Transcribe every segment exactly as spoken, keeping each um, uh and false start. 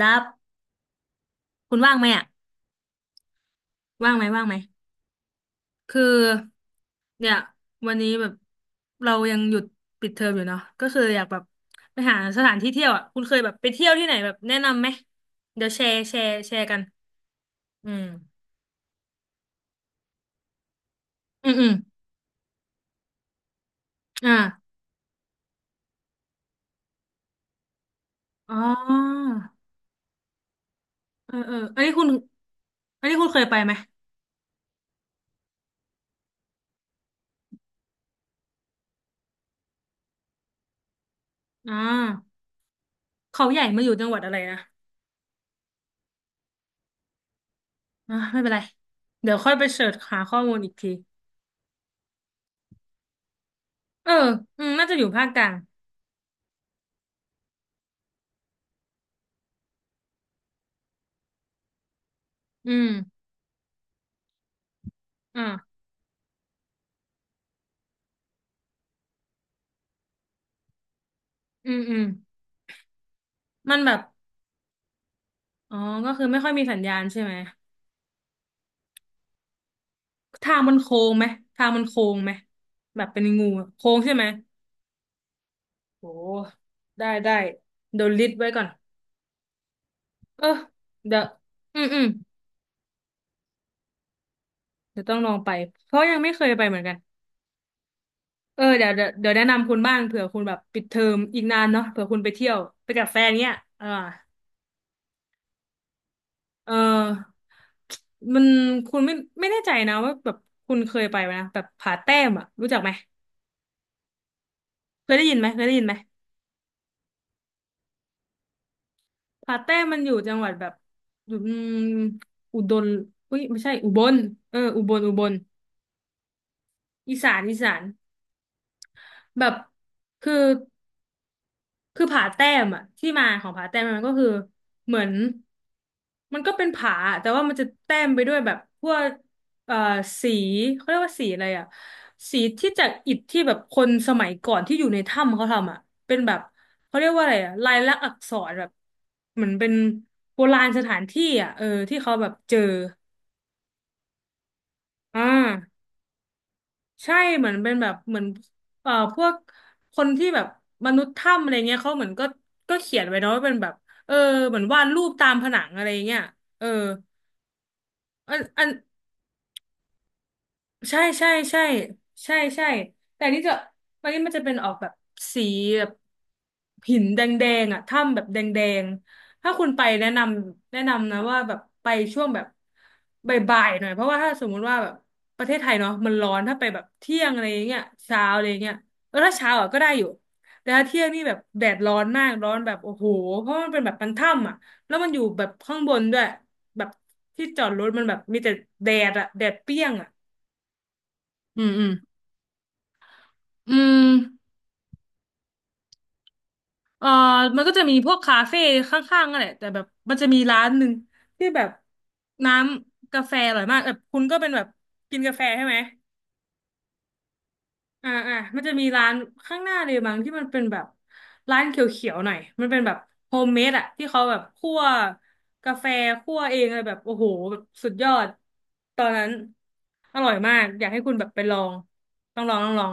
ดับคุณว่างไหมอ่ะว่างไหมว่างไหมคือเนี่ยวันนี้แบบเรายังหยุดปิดเทอมอยู่เนาะก็คืออยากแบบไปหาสถานที่เที่ยวอ่ะคุณเคยแบบไปเที่ยวที่ไหนแบบแนะนำไหมเดี๋ยวแชร์แชร์แชร์กันอืมอืมอืมอ่าอ๋อเออเอออันนี้คุณอันนี้คุณเคยไปไหมอ่าเขาใหญ่มาอยู่จังหวัดอะไรนะอ่าไม่เป็นไรเดี๋ยวค่อยไปเสิร์ชหาข้อมูลอีกทีเอออืมน่าจะอยู่ภาคกลางอืมอ่าอืมอืม มันแบบอ๋อก็คือไม่ค่อยมีสัญญาณใช่ไหมทางมันโค้งไหมทางมันโค้งไหมแบบเป็นงูอะโค้งใช่ไหมโอ้ได้ได้เดี๋ยวลิสต์ไว้ก่อนเออเดี๋ยวอืมอืมเดี๋ยวต้องลองไปเพราะยังไม่เคยไปเหมือนกันเออเดี๋ยวเดี๋ยวเดี๋ยวแนะนำคุณบ้างเผื่อคุณแบบปิดเทอมอีกนานเนาะเผื่อคุณไปเที่ยวไปกับแฟนเนี้ยอ่าเออมันคุณไม่ไม่แน่ใจนะว่าแบบคุณเคยไปไหมนะแบบผาแต้มอ่ะรู้จักไหมเคยได้ยินไหมเคยได้ยินไหม ผาแต้มันอยู่จังหวัดแบบอยู่อืมอุดรอุ้ยไม่ใช่อุบลเอออุบลอุบลอีสานอีสาน แบบ คือ คือผาแต้มอะที่มาของผาแต้มมันก็คือเหมือนมันก็เป็นผาแต่ว่ามันจะแต้มไปด้วยแบบพวกเอ่อสีเขาเรียกว่าสีอะไรอะสีที่จากอิฐที่แบบคนสมัยก่อนที่อยู่ในถ้ำเขาทำอะเป็นแบบเขาเรียกว่าอะไรอะลายลักษณ์อักษรแบบเหมือนเป็นโบราณสถานที่อะเออที่เขาแบบเจออ่า ใช่เหมือนเป็นแบบเหมือนเอ่อพวกคนที่แบบมนุษย์ถ้ำอะไรเงี้ยเขาเหมือนก็ก็เขียนไว้เนาะว่าเป็นแบบเออเหมือนวาดรูปตามผนังอะไรเงี้ยเอออันอัน ใช่ใช่ใช่ใช่ใช่แต่นี่จะวันนี้มันจะเป็นออกแบบสีแบบหินแดงๆอ่ะถ้ำแบบแดงๆถ้าคุณไปแนะนำแนะนำนะว่าแบบไปช่วงแบบบ่ายๆหน่อยเพราะว่าถ้าสมมุติว่าแบบประเทศไทยเนาะมันร้อนถ้าไปแบบเที่ยงอะไรอย่างเงี้ยเช้าอะไรอย่างเงี้ยเออถ้าเช้าอ่ะก็ได้อยู่แต่ถ้าเที่ยงนี่แบบแดดร้อนมากร้อนแบบโอ้โหเพราะมันเป็นแบบมันถ้ำอ่ะแล้วมันอยู่แบบข้างบนด้วยแบบที่จอดรถมันแบบมีแต่แดดอ่ะแดดเปรี้ยงอ่ะ อืมอืมอืมเอ่อมันก็จะมีพวกคาเฟ่ข้างๆนั่นแหละแต่แบบมันจะมีร้านหนึ่งที่แบบน้ำกาแฟอร่อยมากแบบคุณก็เป็นแบบกินกาแฟใช่ไหมอ่าอ่ามันจะมีร้านข้างหน้าเลยบางที่มันเป็นแบบร้านเขียวๆหน่อยมันเป็นแบบโฮมเมดอะที่เขาแบบคั่วกาแฟคั่วเองอะไรแบบโอ้โหแบบสุดยอดตอนนั้นอร่อยมากอยากให้คุณแบบไปลองต้องลองต้องลอง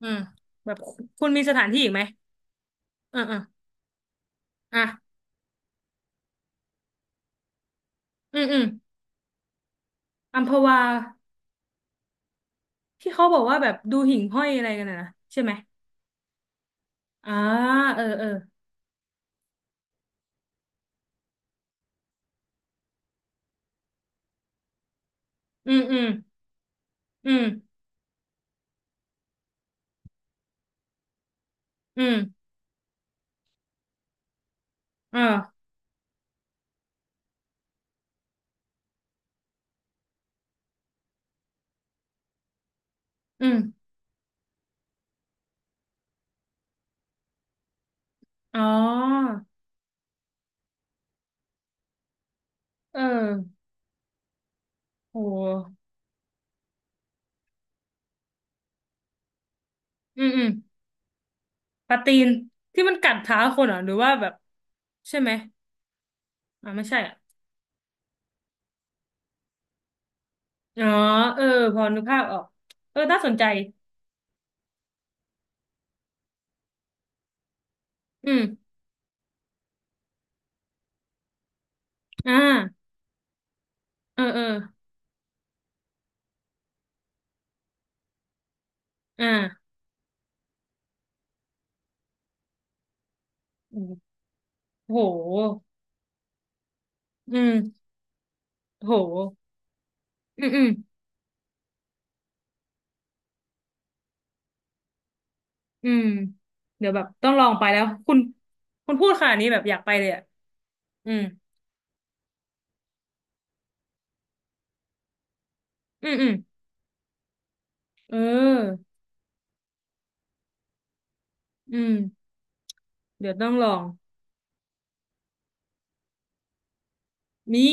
อืมแบบคุณมีสถานที่อีกไหมอ่าอ่าอ่ะ อืมอืมอัมพวาที่เขาบอกว่าแบบดูหิ่งห้อยอะไรกันนะนะใช่ไหมอ่าเออเอออืมอืมอืมอืมอ่าอืมอ๋อเออโหอืมอืมปลาตีนที่มันกัดเท้าคนเหรอหรือว่าแบบใช่ไหมอ่าไม่ใช่อ่ะอ๋อเออพอนึกภาพออกเออน่าสนใจอืมอ่าเออเอออ่าโอ้โหอืมโหอืมอืม อืมเดี๋ยวแบบต้องลองไปแล้วคุณคุณพูดขนาดนี้แบบอยากไปเลยอ่ะอืมอืมอืมเอออืมเดี๋ยวต้องลองมี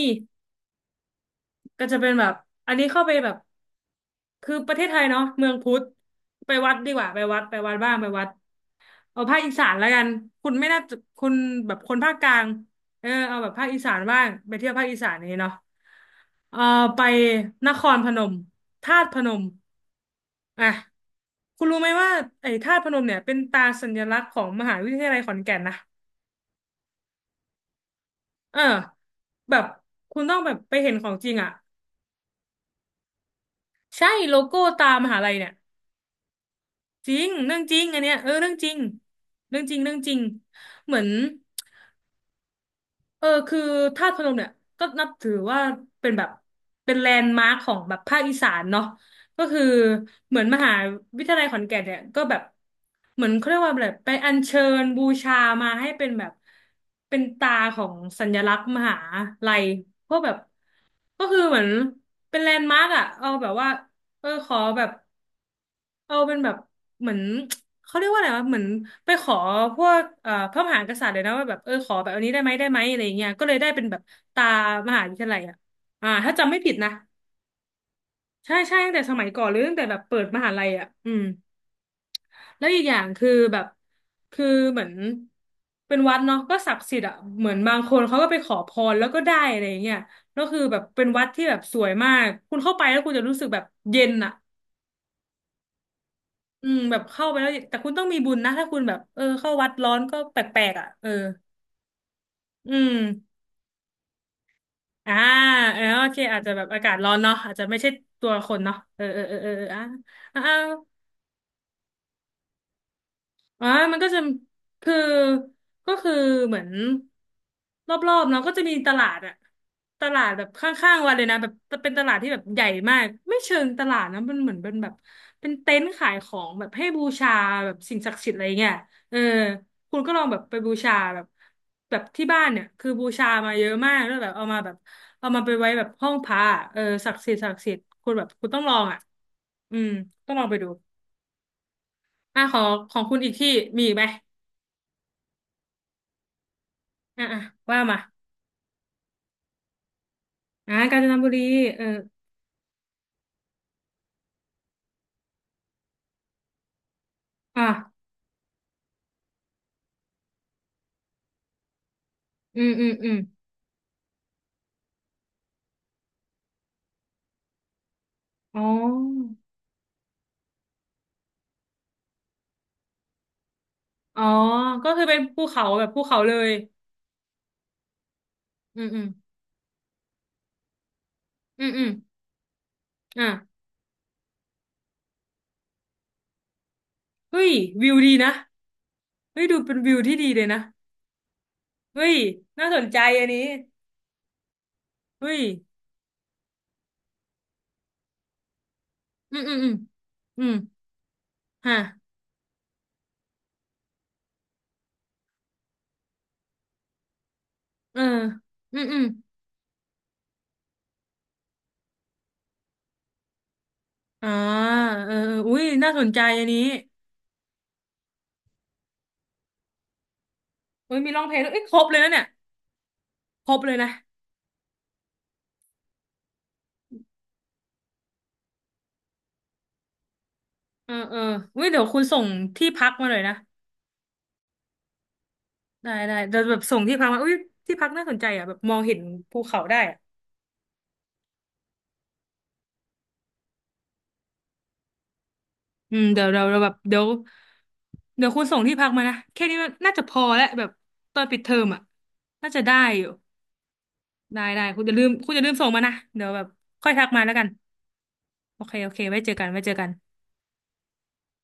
ก็จะเป็นแบบอันนี้เข้าไปแบบคือประเทศไทยเนาะเมืองพุทธไปวัดดีกว่าไปวัดไปวัดบ้างไปวัดเอาภาคอีสานแล้วกันคุณไม่น่าจะคุณแบบคนภาคกลางเออเอาแบบภาคอีสานบ้างไปเที่ยวภาคอีสานนี้เนาะเออไปนครพนมธาตุพนม อ่ะคุณรู้ไหมว่าไอ้ธาตุพนมเนี่ยเป็นตราสัญลักษณ์ของมหาวิทยาลัยขอนแก่นนะเออแบบคุณต้องแบบไปเห็นของจริงอ่ะใช่โลโก้ตามหาลัยเนี่ยจริงเรื่องจริงอันเนี้ยเออเรื่องจริงเรื่องจริงเรื่องจริงเหมือน เออคือธาตุพนมเนี่ยก็นับถือว่าเป็นแบบเป็นแลนด์มาร์คของแบบภาคอีสานเนาะก็คือเหมือนมหาวิทยาลัยขอนแก่นเนี่ยก็แบบเหมือนเขาเรียกว่าแบบไปอัญเชิญบูชามาให้เป็นแบบเป็นตาของสัญลักษณ์มหาลัยเพราะแบบก็คือเหมือนเป็นแลนด์มาร์คอะเอาแบบว่าเออขอแบบ เออเป็นแบบเหมือน เขาเรียกว่าอะไรวะเหมือนไปขอพวกเอ่อพระมหากษัตริย์เลยนะว่าแบบเออขอแบบอันนี้ได้ไหมได้ไหมอะไรอย่างเงี้ยก็เลยได้เป็นแบบตามหาวิทยาลัยอ่ะอ่าถ้าจำไม่ผิดนะใช่ใช่ตั้งแต่สมัยก่อนหรือตั้งแต่แบบเปิดมหาลัยอ่ะอืมแล้วอีกอย่างคือแบบคือเหมือนเป็นวัดเนาะก็ศักดิ์สิทธิ์อ่ะเหมือนบางคนเขาก็ไปขอพรแล้วก็ได้อะไรอย่างเงี้ยแล้วคือแบบเป็นวัดที่แบบสวยมากคุณเข้าไปแล้วคุณจะรู้สึกแบบเย็นอ่ะ อืมแบบเข้าไปแล้วแต่คุณต้องมีบุญนะถ้าคุณแบบเออเข้าวัดร้อนก็แปลกๆอ่ะเอออืมอ่าเออโอเคอาจจะแบบอากาศร้อนเนาะอาจจะไม่ใช่ตัวคนเนาะเออเออเออเอออ่าอ่า อ่ามันก็จะคือก็คือเหมือนรอบๆเนาะก็จะมีตลาดอะตลาดแบบข้างๆ วันเลยนะแบบเป็นตลาดที่แบบใหญ่มาก ไม่เชิงตลาดนะมันเหมือนเป็นแบบเป็นเต็นท์ขายของแบบให้บูชาแบบสิ่งศักดิ์สิทธิ์อะไรเงี้ยเออคุณก็ลองแบบไปบูชาแบบแบบที่บ้านเนี่ยคือบูชามาเยอะมากแล้วแบบเอามาแบบเอามาไปไว้แบบห้องพระอะเออศักดิ์สิทธิ์ศักดิ์สิทธิ์คุณแบบคุณต้องลองอ่ะอืมต้องลองไปดูอ่ะของของคุณอีกที่มีอีกไหม อ่ะอ่ะว่ามาอ่ะกาญจนบุรีเอออ่ะอืมอืมอืมอ๋ออ๋อก็คือเป็นภูเขาแบบภูเขาเลยอืมอืมอืมอืมอ่ะเฮ้ยวิวดีนะเฮ้ยดูเป็นวิวที่ดีเลยนะเฮ้ยน่าสนใจอันนี้เฮ้ยอืมอืมอืมอืมฮะเอออืมอืมอ่าเออเอออุ้ยน่าสนใจอันนี้เฮ้ยมีรองเพลงด้วยเอ้ยครบเลยนะเนี่ยครบเลยนะเออเอออุ้ยเดี๋ยวคุณส่งที่พักมาหน่อยนะ ได้ได้เดี๋ยวแบบส่งที่พักมาอุ้ยที่พักน่าสนใจอ่ะแบบมองเห็นภูเขาได้อ่ะอืมเดี๋ยวเราเราแบบเดี๋ยวเดี๋ยวคุณส่งที่พักมานะแค่นี้มันน่าจะพอแล้วแบบตอนปิดเทอมอ่ะน่าจะได้อยู่ได้ได้คุณจะลืมคุณจะลืมส่งมานะเดี๋ยวแบบค่อยทักมาแล้วกันโอเคโอเคไว้เจอกันไว้เจอกัน